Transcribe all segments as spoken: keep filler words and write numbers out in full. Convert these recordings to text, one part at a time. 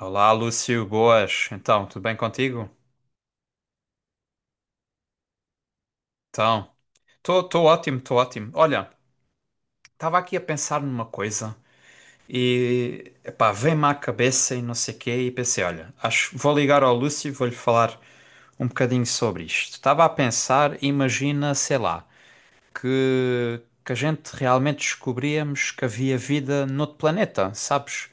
Olá, Lúcio, boas. Então, tudo bem contigo? Então, estou ótimo, estou ótimo. Olha, estava aqui a pensar numa coisa e, epá, veio-me à cabeça e não sei o quê e pensei, olha, acho, vou ligar ao Lúcio e vou-lhe falar um bocadinho sobre isto. Estava a pensar, imagina, sei lá, que, que a gente realmente descobríamos que havia vida noutro planeta, sabes?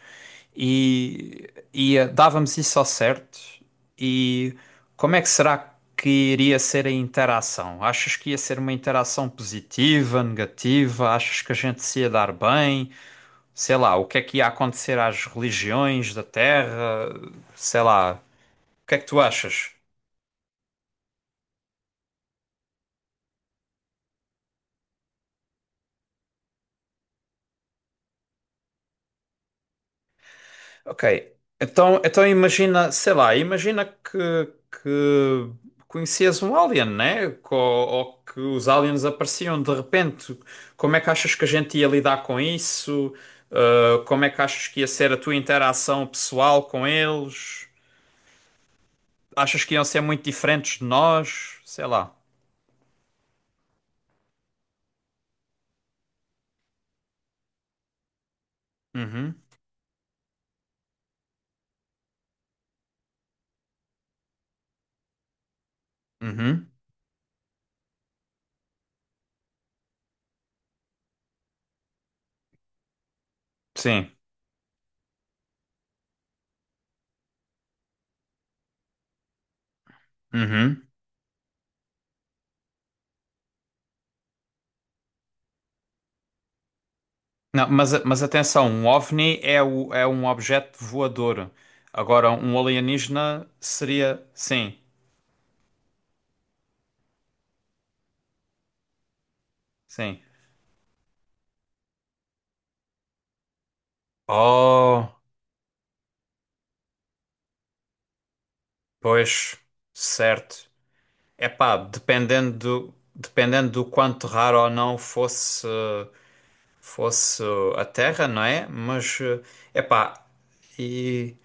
E, e eh, dávamos isso ao certo. E como é que será que iria ser a interação? Achas que ia ser uma interação positiva, negativa? Achas que a gente se ia dar bem? Sei lá, o que é que ia acontecer às religiões da Terra? Sei lá, o que é que tu achas? Ok, então, então imagina, sei lá, imagina que, que conhecias um alien, né? Co- Ou que os aliens apareciam de repente. Como é que achas que a gente ia lidar com isso? Uh, como é que achas que ia ser a tua interação pessoal com eles? Achas que iam ser muito diferentes de nós? Sei lá. Uhum, uhum, sim, uhum. Não, mas, mas atenção, um OVNI é, o, é um objeto voador. Agora, um alienígena seria. Sim, sim. Oh, pois, certo. Epá, dependendo do, dependendo do quanto raro ou não fosse, fosse a Terra, não é? Mas, eh, epá, e.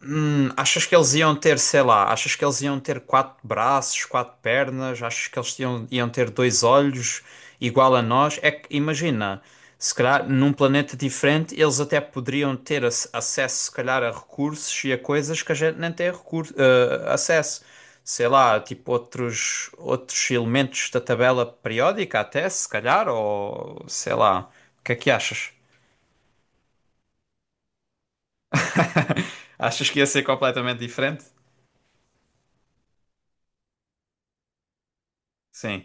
Hum, achas que eles iam ter, sei lá, achas que eles iam ter quatro braços, quatro pernas, achas que eles iam, iam ter dois olhos igual a nós? É que imagina, se calhar num planeta diferente eles até poderiam ter ac- acesso, se calhar, a recursos e a coisas que a gente nem tem recurso, eh, acesso. Sei lá, tipo outros, outros elementos da tabela periódica, até se calhar, ou sei lá, o que é que achas? Achas que ia ser completamente diferente? Sim.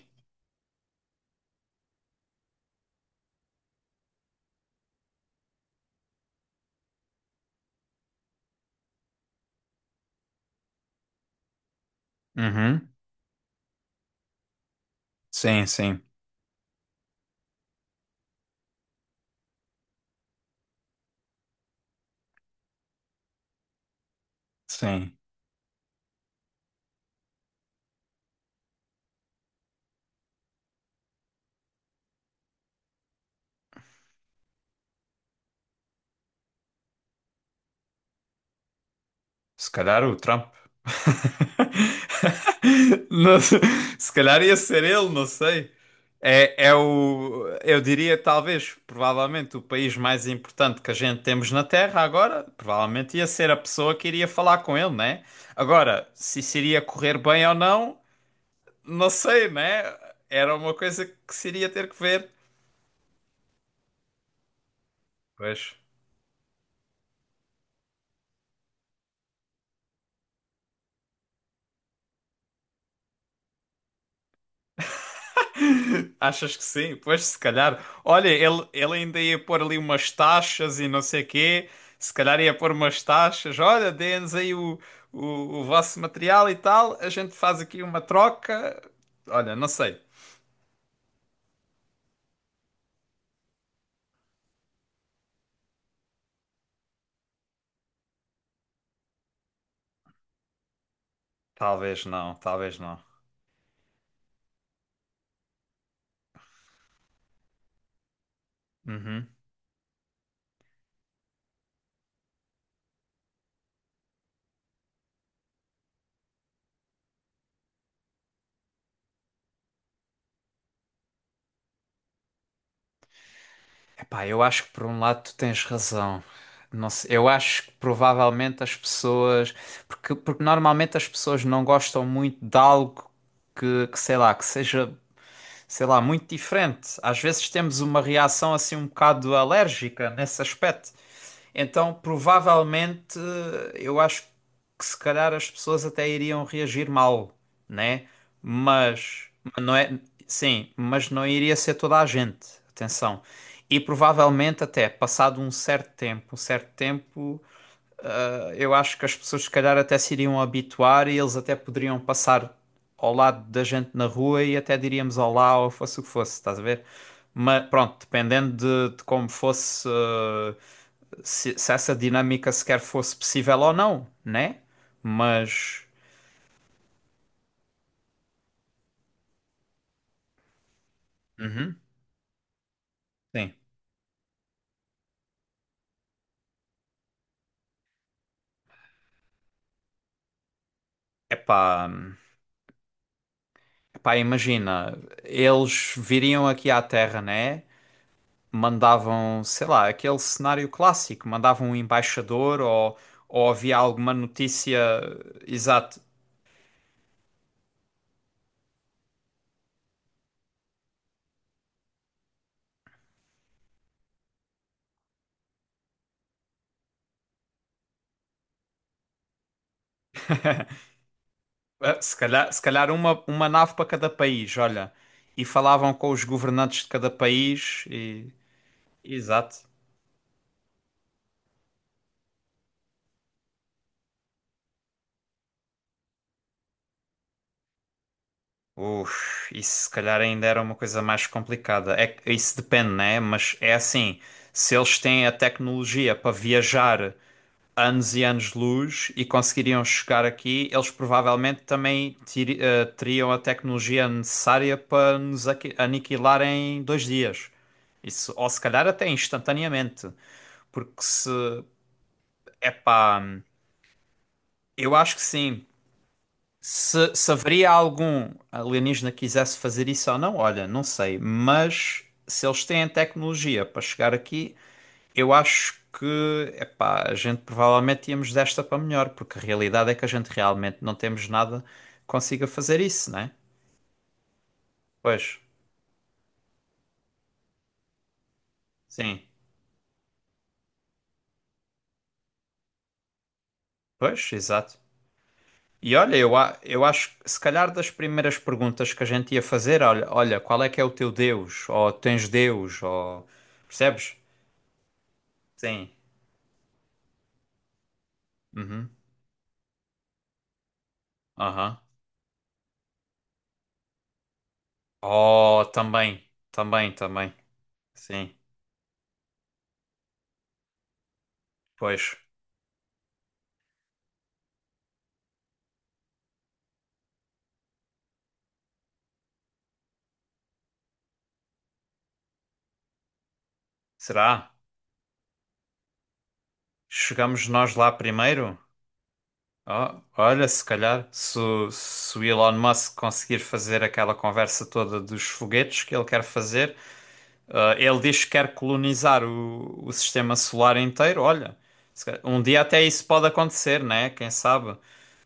Uhum. Sim, sim, sim. Se calhar o Trump. Não sei, se calhar ia ser ele, não sei. É, é o, eu diria, talvez, provavelmente, o país mais importante que a gente temos na Terra agora, provavelmente ia ser a pessoa que iria falar com ele, né? Agora, se isso iria correr bem ou não, não sei, né? Era uma coisa que se iria ter que ver. Pois. Achas que sim? Pois, se calhar. Olha, ele, ele ainda ia pôr ali umas taxas e não sei quê. Se calhar ia pôr umas taxas. Olha, dê-nos aí o, o, o vosso material e tal. A gente faz aqui uma troca. Olha, não sei. Talvez não, talvez não. Uhum. Epá, eu acho que por um lado tu tens razão. Não sei, eu acho que provavelmente as pessoas. Porque, porque normalmente as pessoas não gostam muito de algo que, que sei lá, que seja sei lá, muito diferente. Às vezes temos uma reação assim um bocado alérgica nesse aspecto. Então, provavelmente, eu acho que se calhar as pessoas até iriam reagir mal, né? Mas mas não é, sim, mas não iria ser toda a gente. Atenção. E provavelmente até passado um certo tempo, um certo tempo ah, eu acho que as pessoas se calhar até se iriam habituar e eles até poderiam passar ao lado da gente na rua e até diríamos olá ou fosse o que fosse, estás a ver? Mas pronto, dependendo de, de como fosse, eh, se, se essa dinâmica sequer fosse possível ou não, né? Mas, uhum, sim. Epá, epá, imagina, eles viriam aqui à Terra, né? Mandavam, sei lá, aquele cenário clássico, mandavam um embaixador ou, ou havia alguma notícia, exato. Ah, se calhar, se calhar uma, uma nave para cada país, olha, e falavam com os governantes de cada país e, exato. Uf, isso se calhar ainda era uma coisa mais complicada. É, que isso depende, né? Mas é assim, se eles têm a tecnologia para viajar anos e anos-luz e conseguiriam chegar aqui, eles provavelmente também tiri- eh, teriam a tecnologia necessária para nos aqui- aniquilar em dois dias. Isso, ou se calhar até instantaneamente, porque se, epá, eu acho que sim. Se, se haveria algum alienígena que quisesse fazer isso ou não, olha, não sei, mas se eles têm tecnologia para chegar aqui, eu acho que, epá, a gente provavelmente íamos desta para melhor, porque a realidade é que a gente realmente não temos nada que consiga fazer isso, né? Pois, sim, pois, exato. E olha, eu, a- eu acho que se calhar das primeiras perguntas que a gente ia fazer, olha, olha, qual é que é o teu Deus? Ou tens Deus? Ou percebes? Sim. Uhum. Aham. Oh, também, também, também. Sim. Pois. Será? Chegamos nós lá primeiro? Ah, olha, se calhar, se, o- se o Elon Musk conseguir fazer aquela conversa toda dos foguetes que ele quer fazer, ah, ele diz que quer colonizar o, o sistema solar inteiro. Olha, se calhar um dia até isso pode acontecer, né? Quem sabe?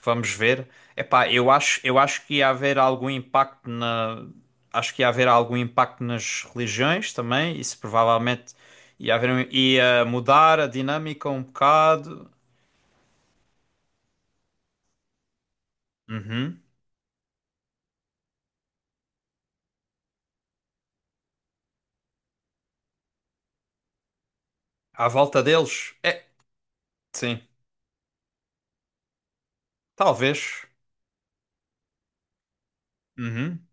Vamos ver. Epá, eu acho, eu acho que ia haver algum impacto na, acho que ia haver algum impacto nas religiões também. Isso provavelmente ia haver, um- ia mudar a dinâmica um bocado. Uhum. À volta deles. É, sim, talvez. Uhum.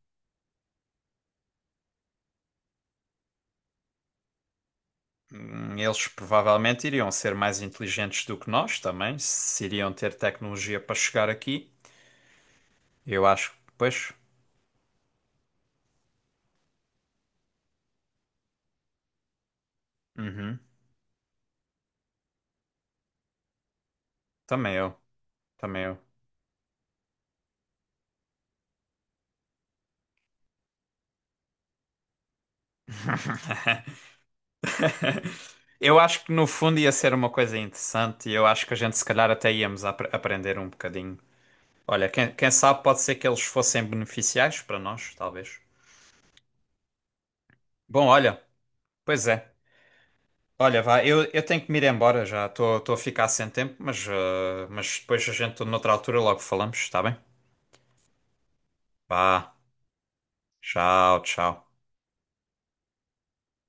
Hum, eles provavelmente iriam ser mais inteligentes do que nós também, se iriam ter tecnologia para chegar aqui. Eu acho que, pois, uhum. Também eu, também eu. Eu acho que no fundo ia ser uma coisa interessante e eu acho que a gente se calhar até íamos apre- aprender um bocadinho. Olha, quem, quem sabe pode ser que eles fossem beneficiais para nós, talvez. Bom, olha, pois é. Olha, vá, eu, eu tenho que me ir embora já. Estou estou a ficar sem tempo, mas, eh, mas depois a gente, noutra altura, logo falamos, está bem? Vá, tchau, tchau.